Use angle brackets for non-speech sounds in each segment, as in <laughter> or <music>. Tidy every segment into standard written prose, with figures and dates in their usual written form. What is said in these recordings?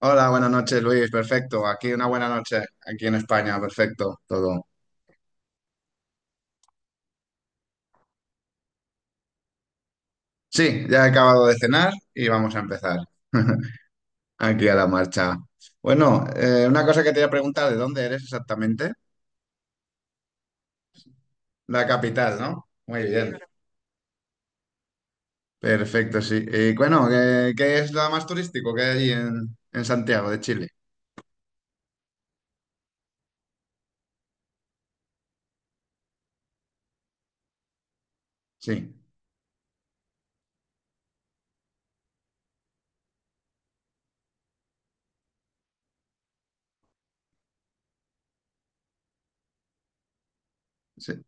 Hola, buenas noches, Luis. Perfecto. Aquí una buena noche, aquí en España. Perfecto, todo. Sí, ya he acabado de cenar y vamos a empezar. <laughs> Aquí a la marcha. Bueno, una cosa que te voy a preguntar, ¿de dónde eres exactamente? La capital, ¿no? Muy bien. Perfecto, sí. Y bueno, ¿qué es lo más turístico que hay allí en Santiago de Chile? Sí, sí.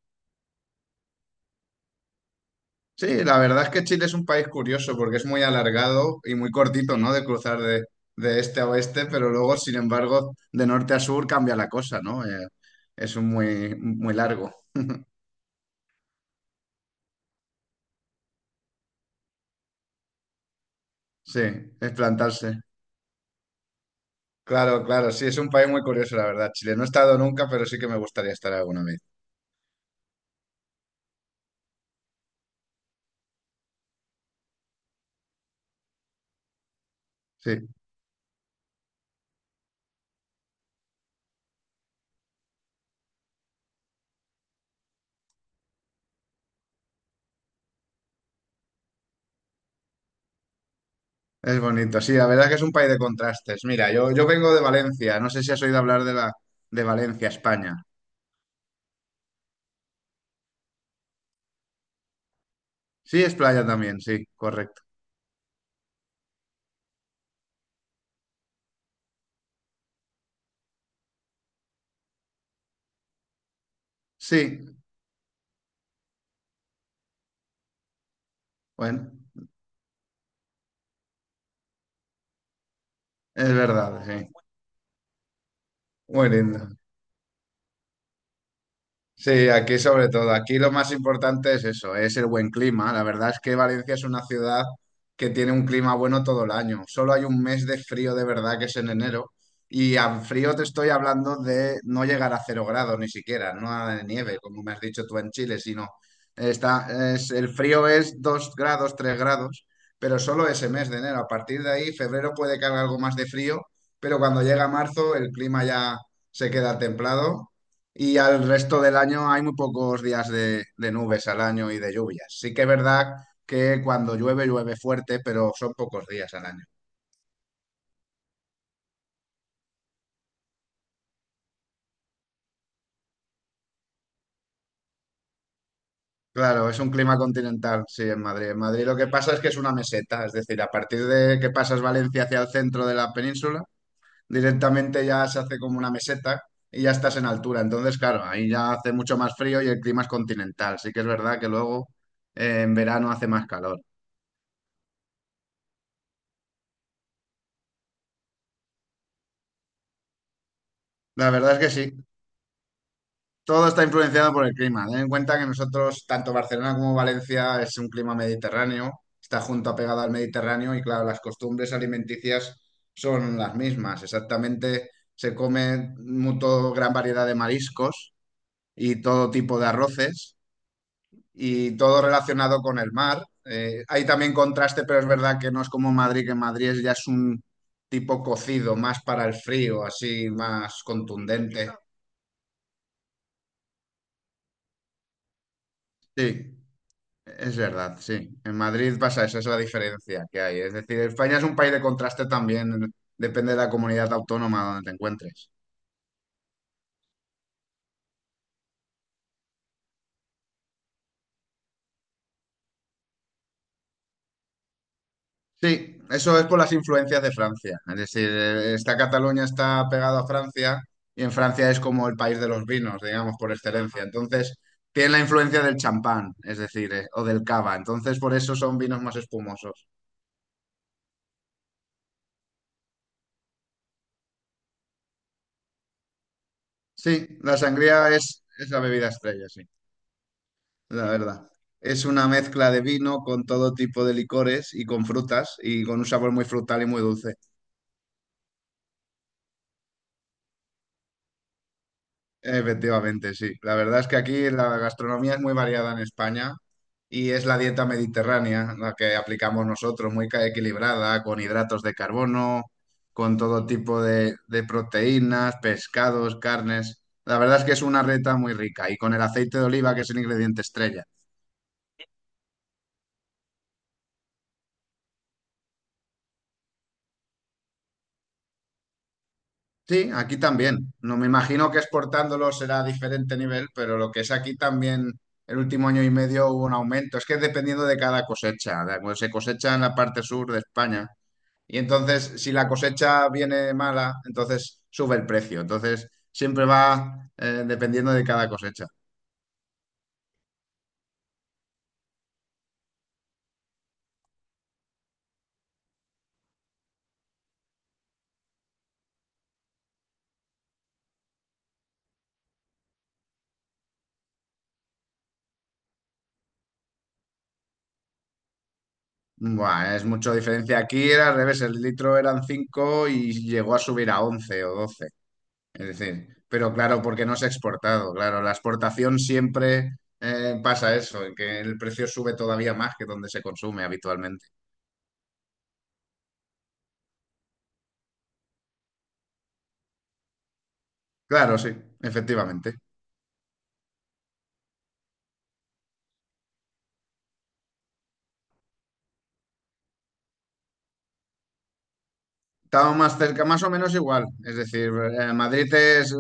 Sí, la verdad es que Chile es un país curioso porque es muy alargado y muy cortito, ¿no? De cruzar de este a oeste, pero luego, sin embargo, de norte a sur cambia la cosa, ¿no? Es un muy, muy largo, sí, es plantarse. Claro, claro, sí, es un país muy curioso, la verdad, Chile. No he estado nunca, pero sí que me gustaría estar alguna vez. Sí, es bonito. Sí, la verdad es que es un país de contrastes. Mira, yo vengo de Valencia, no sé si has oído hablar de Valencia, España. Sí, es playa también, sí, correcto. Sí, bueno, es verdad, sí. Muy lindo. Sí, aquí sobre todo. Aquí lo más importante es eso, es el buen clima. La verdad es que Valencia es una ciudad que tiene un clima bueno todo el año. Solo hay un mes de frío de verdad que es en enero. Y al frío te estoy hablando de no llegar a 0 grados ni siquiera, no a de nieve, como me has dicho tú en Chile, sino el frío es 2 grados, 3 grados, pero solo ese mes de enero. A partir de ahí, febrero puede que haga algo más de frío, pero cuando llega marzo el clima ya se queda templado y al resto del año hay muy pocos días de nubes al año y de lluvias. Sí que es verdad que cuando llueve, llueve fuerte, pero son pocos días al año. Claro, es un clima continental, sí, en Madrid. En Madrid lo que pasa es que es una meseta, es decir, a partir de que pasas Valencia hacia el centro de la península, directamente ya se hace como una meseta y ya estás en altura. Entonces, claro, ahí ya hace mucho más frío y el clima es continental. Sí que es verdad que luego en verano hace más calor. La verdad es que sí. Todo está influenciado por el clima. Ten en cuenta que nosotros, tanto Barcelona como Valencia, es un clima mediterráneo, está junto a pegado al Mediterráneo y claro, las costumbres alimenticias son las mismas. Exactamente, se come gran variedad de mariscos y todo tipo de arroces y todo relacionado con el mar. Hay también contraste, pero es verdad que no es como Madrid, que en Madrid ya es un tipo cocido, más para el frío, así, más contundente. Sí. Es verdad, sí. En Madrid pasa eso, es la diferencia que hay. Es decir, España es un país de contraste también, depende de la comunidad autónoma donde te encuentres. Sí, eso es por las influencias de Francia. Es decir, esta Cataluña está pegada a Francia y en Francia es como el país de los vinos, digamos, por excelencia. Entonces, tiene la influencia del champán, es decir, o del cava. Entonces, por eso son vinos más espumosos. Sí, la sangría es la bebida estrella, sí, la verdad. Es una mezcla de vino con todo tipo de licores y con frutas y con un sabor muy frutal y muy dulce. Efectivamente, sí. La verdad es que aquí la gastronomía es muy variada en España y es la dieta mediterránea la que aplicamos nosotros, muy equilibrada, con hidratos de carbono, con todo tipo de proteínas, pescados, carnes. La verdad es que es una reta muy rica y con el aceite de oliva, que es el ingrediente estrella. Sí, aquí también. No me imagino que exportándolo será diferente nivel, pero lo que es aquí también, el último año y medio hubo un aumento. Es que dependiendo de cada cosecha, de cuando se cosecha en la parte sur de España. Y entonces, si la cosecha viene mala, entonces sube el precio. Entonces, siempre va dependiendo de cada cosecha. Buah, es mucha diferencia. Aquí era al revés, el litro eran 5 y llegó a subir a 11 o 12. Es decir, pero claro, porque no se ha exportado, claro, la exportación siempre pasa eso, que el precio sube todavía más que donde se consume habitualmente. Claro, sí, efectivamente. Estaba más cerca, más o menos igual. Es decir, Madrid es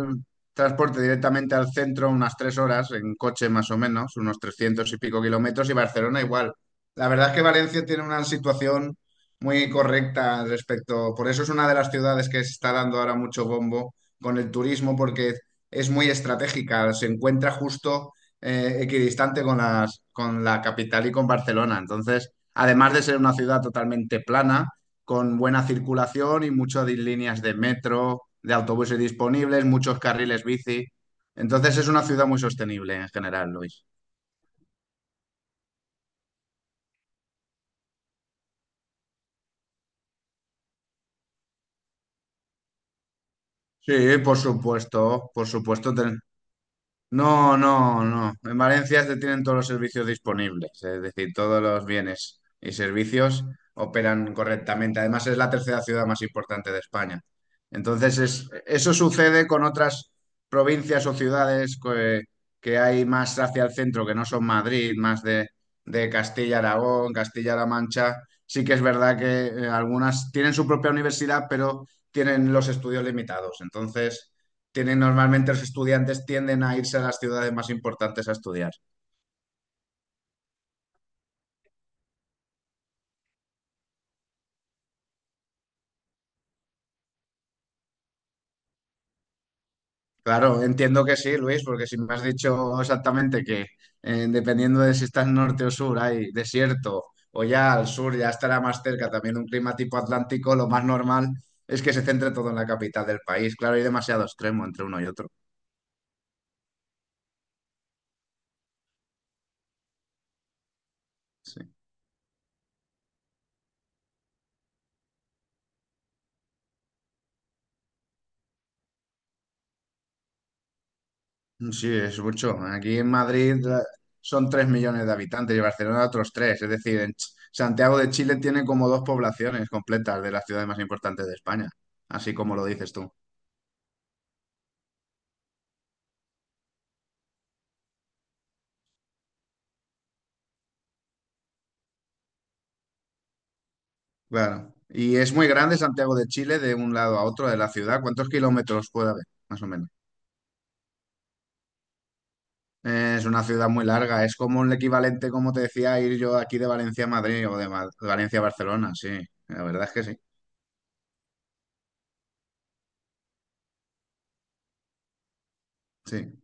transporte directamente al centro unas 3 horas, en coche más o menos, unos 300 y pico kilómetros, y Barcelona igual. La verdad es que Valencia tiene una situación muy correcta al respecto. Por eso es una de las ciudades que se está dando ahora mucho bombo con el turismo, porque es muy estratégica, se encuentra justo equidistante con la capital y con Barcelona. Entonces, además de ser una ciudad totalmente plana, con buena circulación y muchas líneas de metro, de autobuses disponibles, muchos carriles bici. Entonces es una ciudad muy sostenible en general, Luis. Sí, por supuesto, por supuesto. No, no, no. En Valencia se tienen todos los servicios disponibles, es decir, todos los bienes y servicios operan correctamente. Además, es la tercera ciudad más importante de España. Entonces, eso sucede con otras provincias o ciudades que hay más hacia el centro, que no son Madrid, más de Castilla-Aragón, Castilla-La Mancha. Sí que es verdad que algunas tienen su propia universidad, pero tienen los estudios limitados. Entonces tienen normalmente los estudiantes tienden a irse a las ciudades más importantes a estudiar. Claro, entiendo que sí, Luis, porque si me has dicho exactamente que dependiendo de si estás norte o sur hay desierto o ya al sur ya estará más cerca también un clima tipo atlántico, lo más normal es que se centre todo en la capital del país. Claro, hay demasiado extremo entre uno y otro. Sí. Sí, es mucho. Aquí en Madrid son 3 millones de habitantes y Barcelona otros 3. Es decir, en Santiago de Chile tiene como dos poblaciones completas de las ciudades más importantes de España, así como lo dices tú. Claro. Y es muy grande Santiago de Chile de un lado a otro de la ciudad. ¿Cuántos kilómetros puede haber, más o menos? Es una ciudad muy larga. Es como el equivalente, como te decía, a ir yo aquí de Valencia a Madrid o de Valencia a Barcelona. Sí, la verdad es que sí. Sí.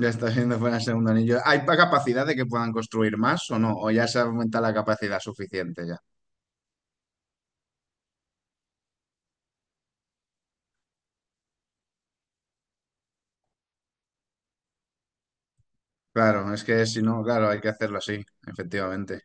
Ya está siendo fuera el segundo anillo. ¿Hay capacidad de que puedan construir más o no? ¿O ya se aumenta la capacidad suficiente ya? Claro, es que si no, claro, hay que hacerlo así, efectivamente.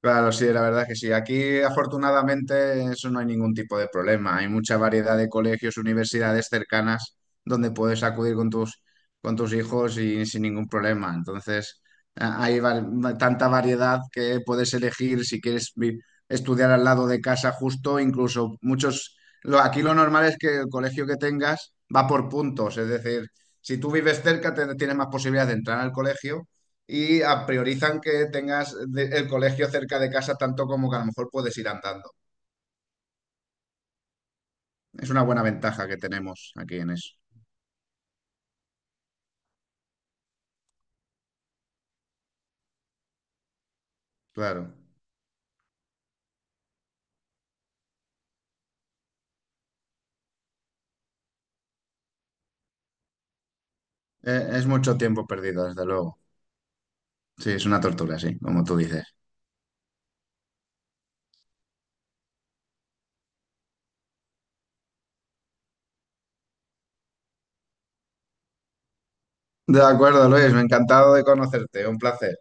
Claro, sí, la verdad es que sí. Aquí, afortunadamente, eso no hay ningún tipo de problema. Hay mucha variedad de colegios, universidades cercanas donde puedes acudir con tus hijos y sin ningún problema. Entonces, hay tanta variedad que puedes elegir si quieres estudiar al lado de casa justo, incluso muchos. Aquí lo normal es que el colegio que tengas va por puntos, es decir, si tú vives cerca, tienes más posibilidades de entrar al colegio y priorizan que tengas el colegio cerca de casa tanto como que a lo mejor puedes ir andando. Es una buena ventaja que tenemos aquí en eso. Claro. Es mucho tiempo perdido, desde luego. Sí, es una tortura, sí, como tú dices. De acuerdo, Luis, me ha encantado de conocerte. Un placer.